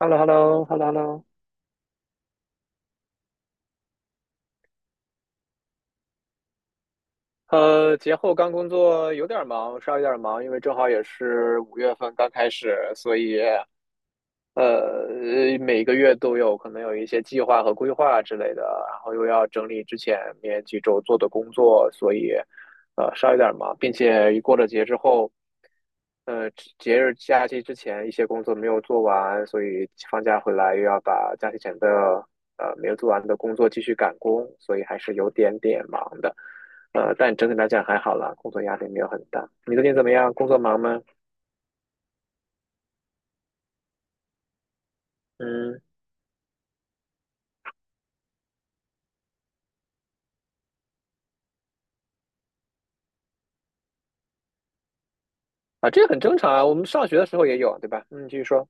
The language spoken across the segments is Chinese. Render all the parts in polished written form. h e l l o h e l l o h e l l o h e l l o。 节后刚工作有点忙，稍微有点忙，因为正好也是五月份刚开始，所以呃，每个月都有可能有一些计划和规划之类的，然后又要整理之前面几周做的工作，所以稍微有点忙，并且一过了节之后。呃，节日假期之前一些工作没有做完，所以放假回来又要把假期前的没有做完的工作继续赶工，所以还是有点点忙的。但整体来讲还好啦，工作压力没有很大。你最近怎么样？工作忙吗？嗯，啊，这个很正常啊，我们上学的时候也有，对吧？嗯，继续说。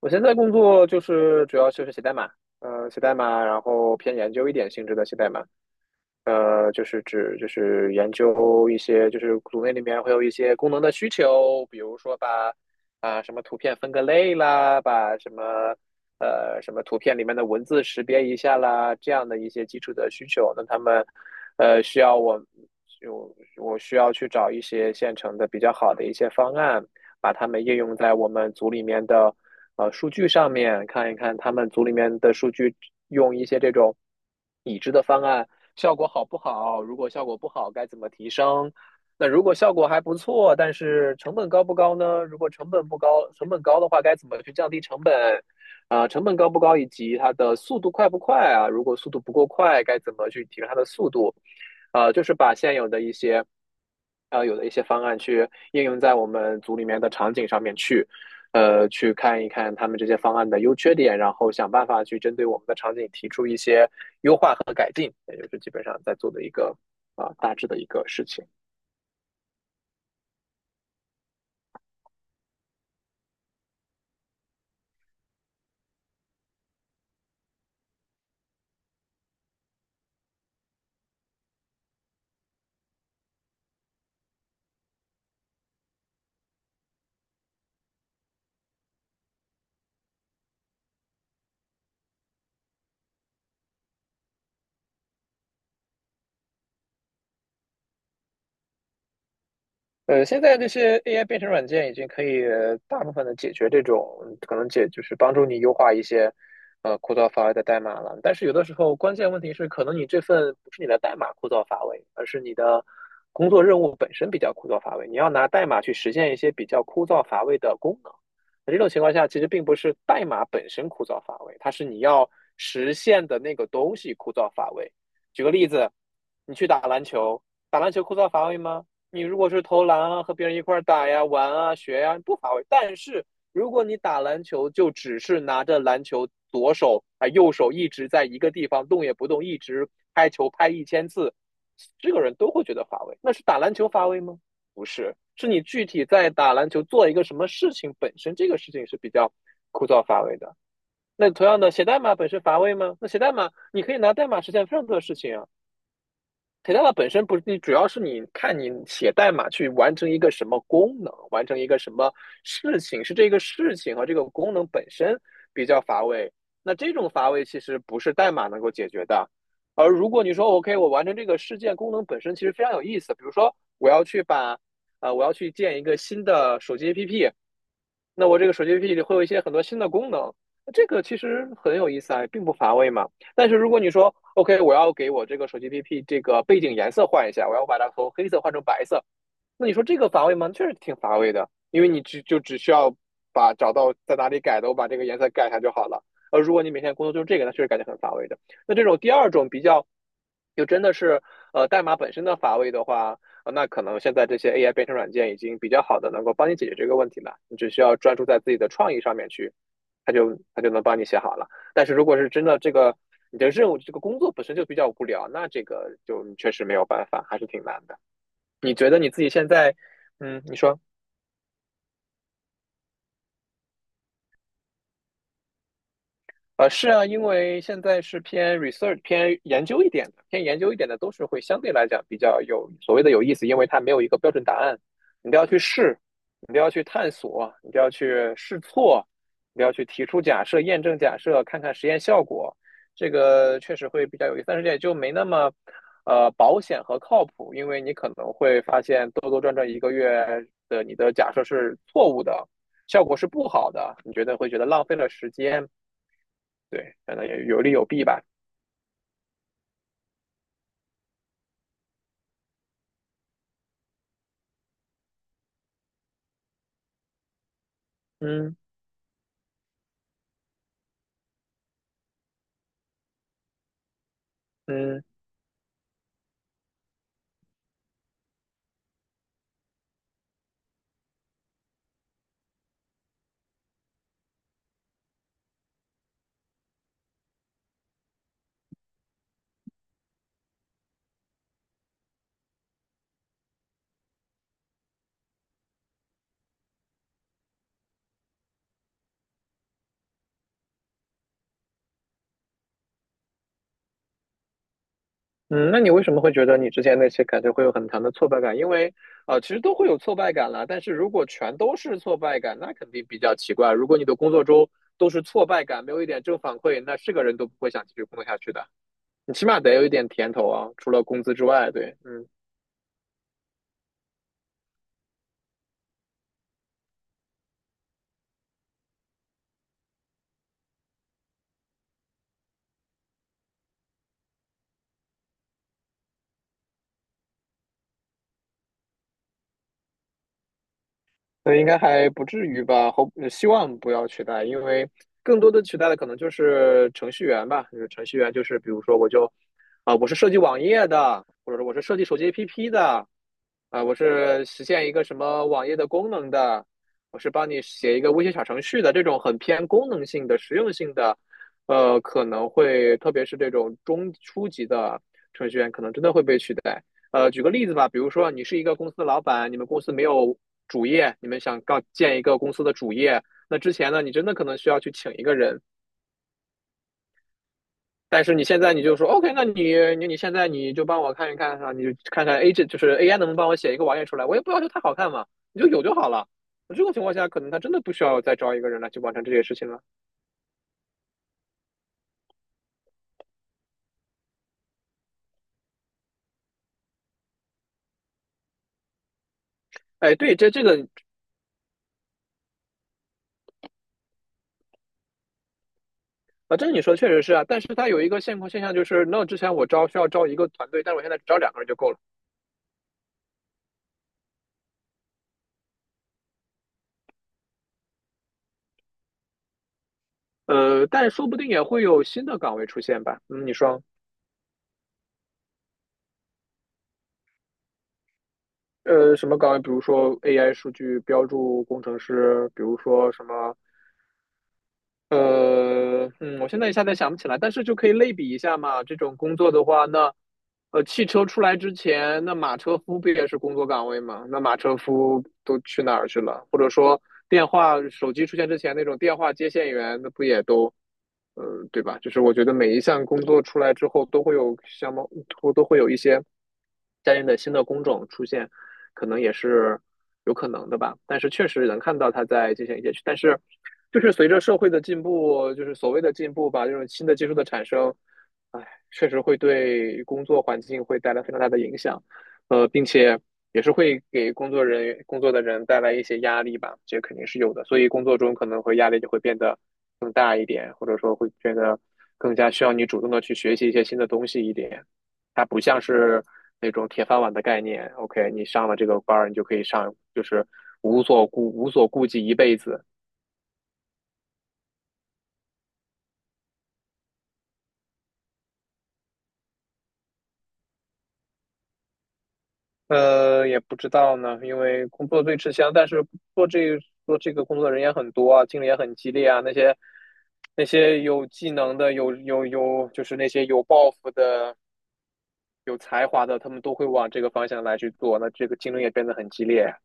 我现在工作就是主要就是写代码，写代码，然后偏研究一点性质的写代码。就是指就是研究一些，就是组内里面会有一些功能的需求，比如说把啊、什么图片分个类啦，把什么什么图片里面的文字识别一下啦，这样的一些基础的需求。那他们需要我我需要去找一些现成的比较好的一些方案，把它们应用在我们组里面的数据上面，看一看他们组里面的数据用一些这种已知的方案。效果好不好？如果效果不好，该怎么提升？那如果效果还不错，但是成本高不高呢？如果成本不高，成本高的话，该怎么去降低成本？啊、成本高不高，以及它的速度快不快啊？如果速度不够快，该怎么去提升它的速度？就是把现有的一些，啊，有的一些方案去应用在我们组里面的场景上面去。去看一看他们这些方案的优缺点，然后想办法去针对我们的场景提出一些优化和改进，也就是基本上在做的一个啊、大致的一个事情。现在这些 AI 编程软件已经可以大部分的解决这种可能解，就是帮助你优化一些枯燥乏味的代码了。但是有的时候关键问题是，可能你这份不是你的代码枯燥乏味，而是你的工作任务本身比较枯燥乏味。你要拿代码去实现一些比较枯燥乏味的功能。那这种情况下，其实并不是代码本身枯燥乏味，它是你要实现的那个东西枯燥乏味。举个例子，你去打篮球，打篮球枯燥乏味吗？你如果是投篮啊，和别人一块儿打呀、玩啊、学呀，不乏味。但是如果你打篮球，就只是拿着篮球，左手啊、右手一直在一个地方动也不动，一直拍球拍1000次，这个人都会觉得乏味。那是打篮球乏味吗？不是，是你具体在打篮球做一个什么事情本身，这个事情是比较枯燥乏味的。那同样的，写代码本身乏味吗？那写代码你可以拿代码实现非常多的事情啊。k a t a a 本身不是，你主要是你看你写代码去完成一个什么功能，完成一个什么事情，是这个事情和这个功能本身比较乏味。那这种乏味其实不是代码能够解决的。而如果你说 OK,我完成这个事件功能本身其实非常有意思，比如说我要去把，我要去建一个新的手机 APP,那我这个手机 APP 里会有一些很多新的功能，那这个其实很有意思啊，并不乏味嘛。但是如果你说 OK,我要给我这个手机 APP 这个背景颜色换一下，我要把它从黑色换成白色，那你说这个乏味吗？确实挺乏味的，因为你只就只需要把找到在哪里改的，我把这个颜色改一下就好了。如果你每天工作就是这个，那确实感觉很乏味的。那这种第二种比较，就真的是代码本身的乏味的话，呃那可能现在这些 AI 编程软件已经比较好的能够帮你解决这个问题了。你只需要专注在自己的创意上面去，它就能帮你写好了。但是如果是真的这个你的任务这个工作本身就比较无聊，那这个就你确实没有办法，还是挺难的。你觉得你自己现在，嗯，你说。是啊，因为现在是偏 research、偏研究一点的，偏研究一点的都是会相对来讲比较有所谓的有意思，因为它没有一个标准答案，你都要去试，你都要去探索，你都要去试错，你都要去提出假设、验证假设，看看实验效果，这个确实会比较有意思，但是也就没那么保险和靠谱，因为你可能会发现兜兜转转一个月的你的假设是错误的，效果是不好的，你觉得会觉得浪费了时间。对，反正也有利有弊吧。嗯，嗯，嗯，那你为什么会觉得你之前那些感觉会有很强的挫败感？因为啊，其实都会有挫败感啦，但是如果全都是挫败感，那肯定比较奇怪。如果你的工作中都是挫败感，没有一点正反馈，那是个人都不会想继续工作下去的。你起码得有一点甜头啊，除了工资之外，对，嗯。那应该还不至于吧？后希望不要取代，因为更多的取代的可能就是程序员吧。就是程序员，就是比如说我就啊、我是设计网页的，或者说我是设计手机 APP 的，啊、我是实现一个什么网页的功能的，我是帮你写一个微信小程序的，这种很偏功能性的、实用性的，可能会特别是这种中初级的程序员，可能真的会被取代。举个例子吧，比如说你是一个公司的老板，你们公司没有主业，你们想搞建一个公司的主业，那之前呢，你真的可能需要去请一个人，但是你现在你就说 OK,那你你现在你就帮我看一看啊，你就看看 A 这就是 AI 能不能帮我写一个网页出来，我也不要求它好看嘛，你就有就好了。那这种情况下，可能他真的不需要再招一个人来去完成这些事情了。哎，对，这这个啊，这你说的确实是啊，但是它有一个现况现象就是，那之前我招需要招一个团队，但是我现在只招两个人就够了。但说不定也会有新的岗位出现吧。嗯，你说，什么岗位？比如说 AI 数据标注工程师，比如说什么，呃，嗯，我现在一下子想不起来，但是就可以类比一下嘛。这种工作的话，那，汽车出来之前，那马车夫不也是工作岗位吗？那马车夫都去哪儿去了？或者说，电话手机出现之前，那种电话接线员，那不也都对吧？就是我觉得每一项工作出来之后，都会有相貌，都会有一些相应的新的工种出现，可能也是有可能的吧。但是确实能看到它在进行一些，但是就是随着社会的进步，就是所谓的进步吧，这种新的技术的产生，哎，确实会对工作环境会带来非常大的影响，并且也是会给工作人员、工作的人带来一些压力吧，这肯定是有的。所以工作中可能会压力就会变得更大一点，或者说会变得更加需要你主动的去学习一些新的东西一点。它不像是那种铁饭碗的概念，OK,你上了这个班儿你就可以上，就是无所顾忌一辈子。也不知道呢，因为工作最吃香，但是做这做这个工作的人也很多啊，竞争也很激烈啊。那些有技能的，有，就是那些有抱负的、有才华的，他们都会往这个方向来去做，那这个竞争也变得很激烈啊。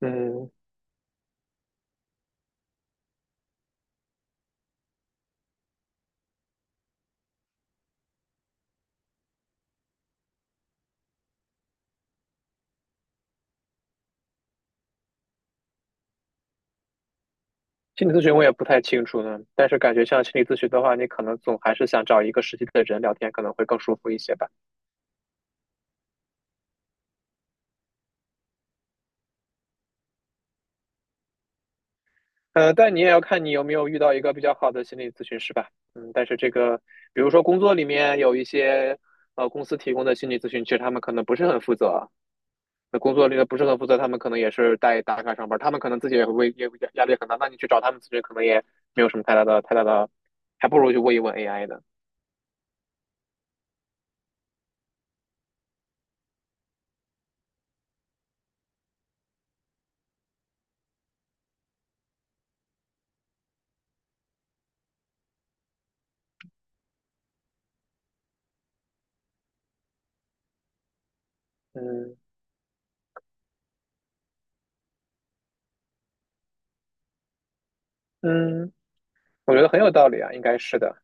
嗯，心理咨询我也不太清楚呢，但是感觉像心理咨询的话，你可能总还是想找一个实际的人聊天，可能会更舒服一些吧。但你也要看你有没有遇到一个比较好的心理咨询师吧。嗯，但是这个，比如说工作里面有一些公司提供的心理咨询，其实他们可能不是很负责。那工作里的不是很负责，他们可能也是带打卡上班，他们可能自己也会也压压力很大。那你去找他们咨询，可能也没有什么太大的，还不如去问一问 AI 呢。嗯，嗯，我觉得很有道理啊，应该是的。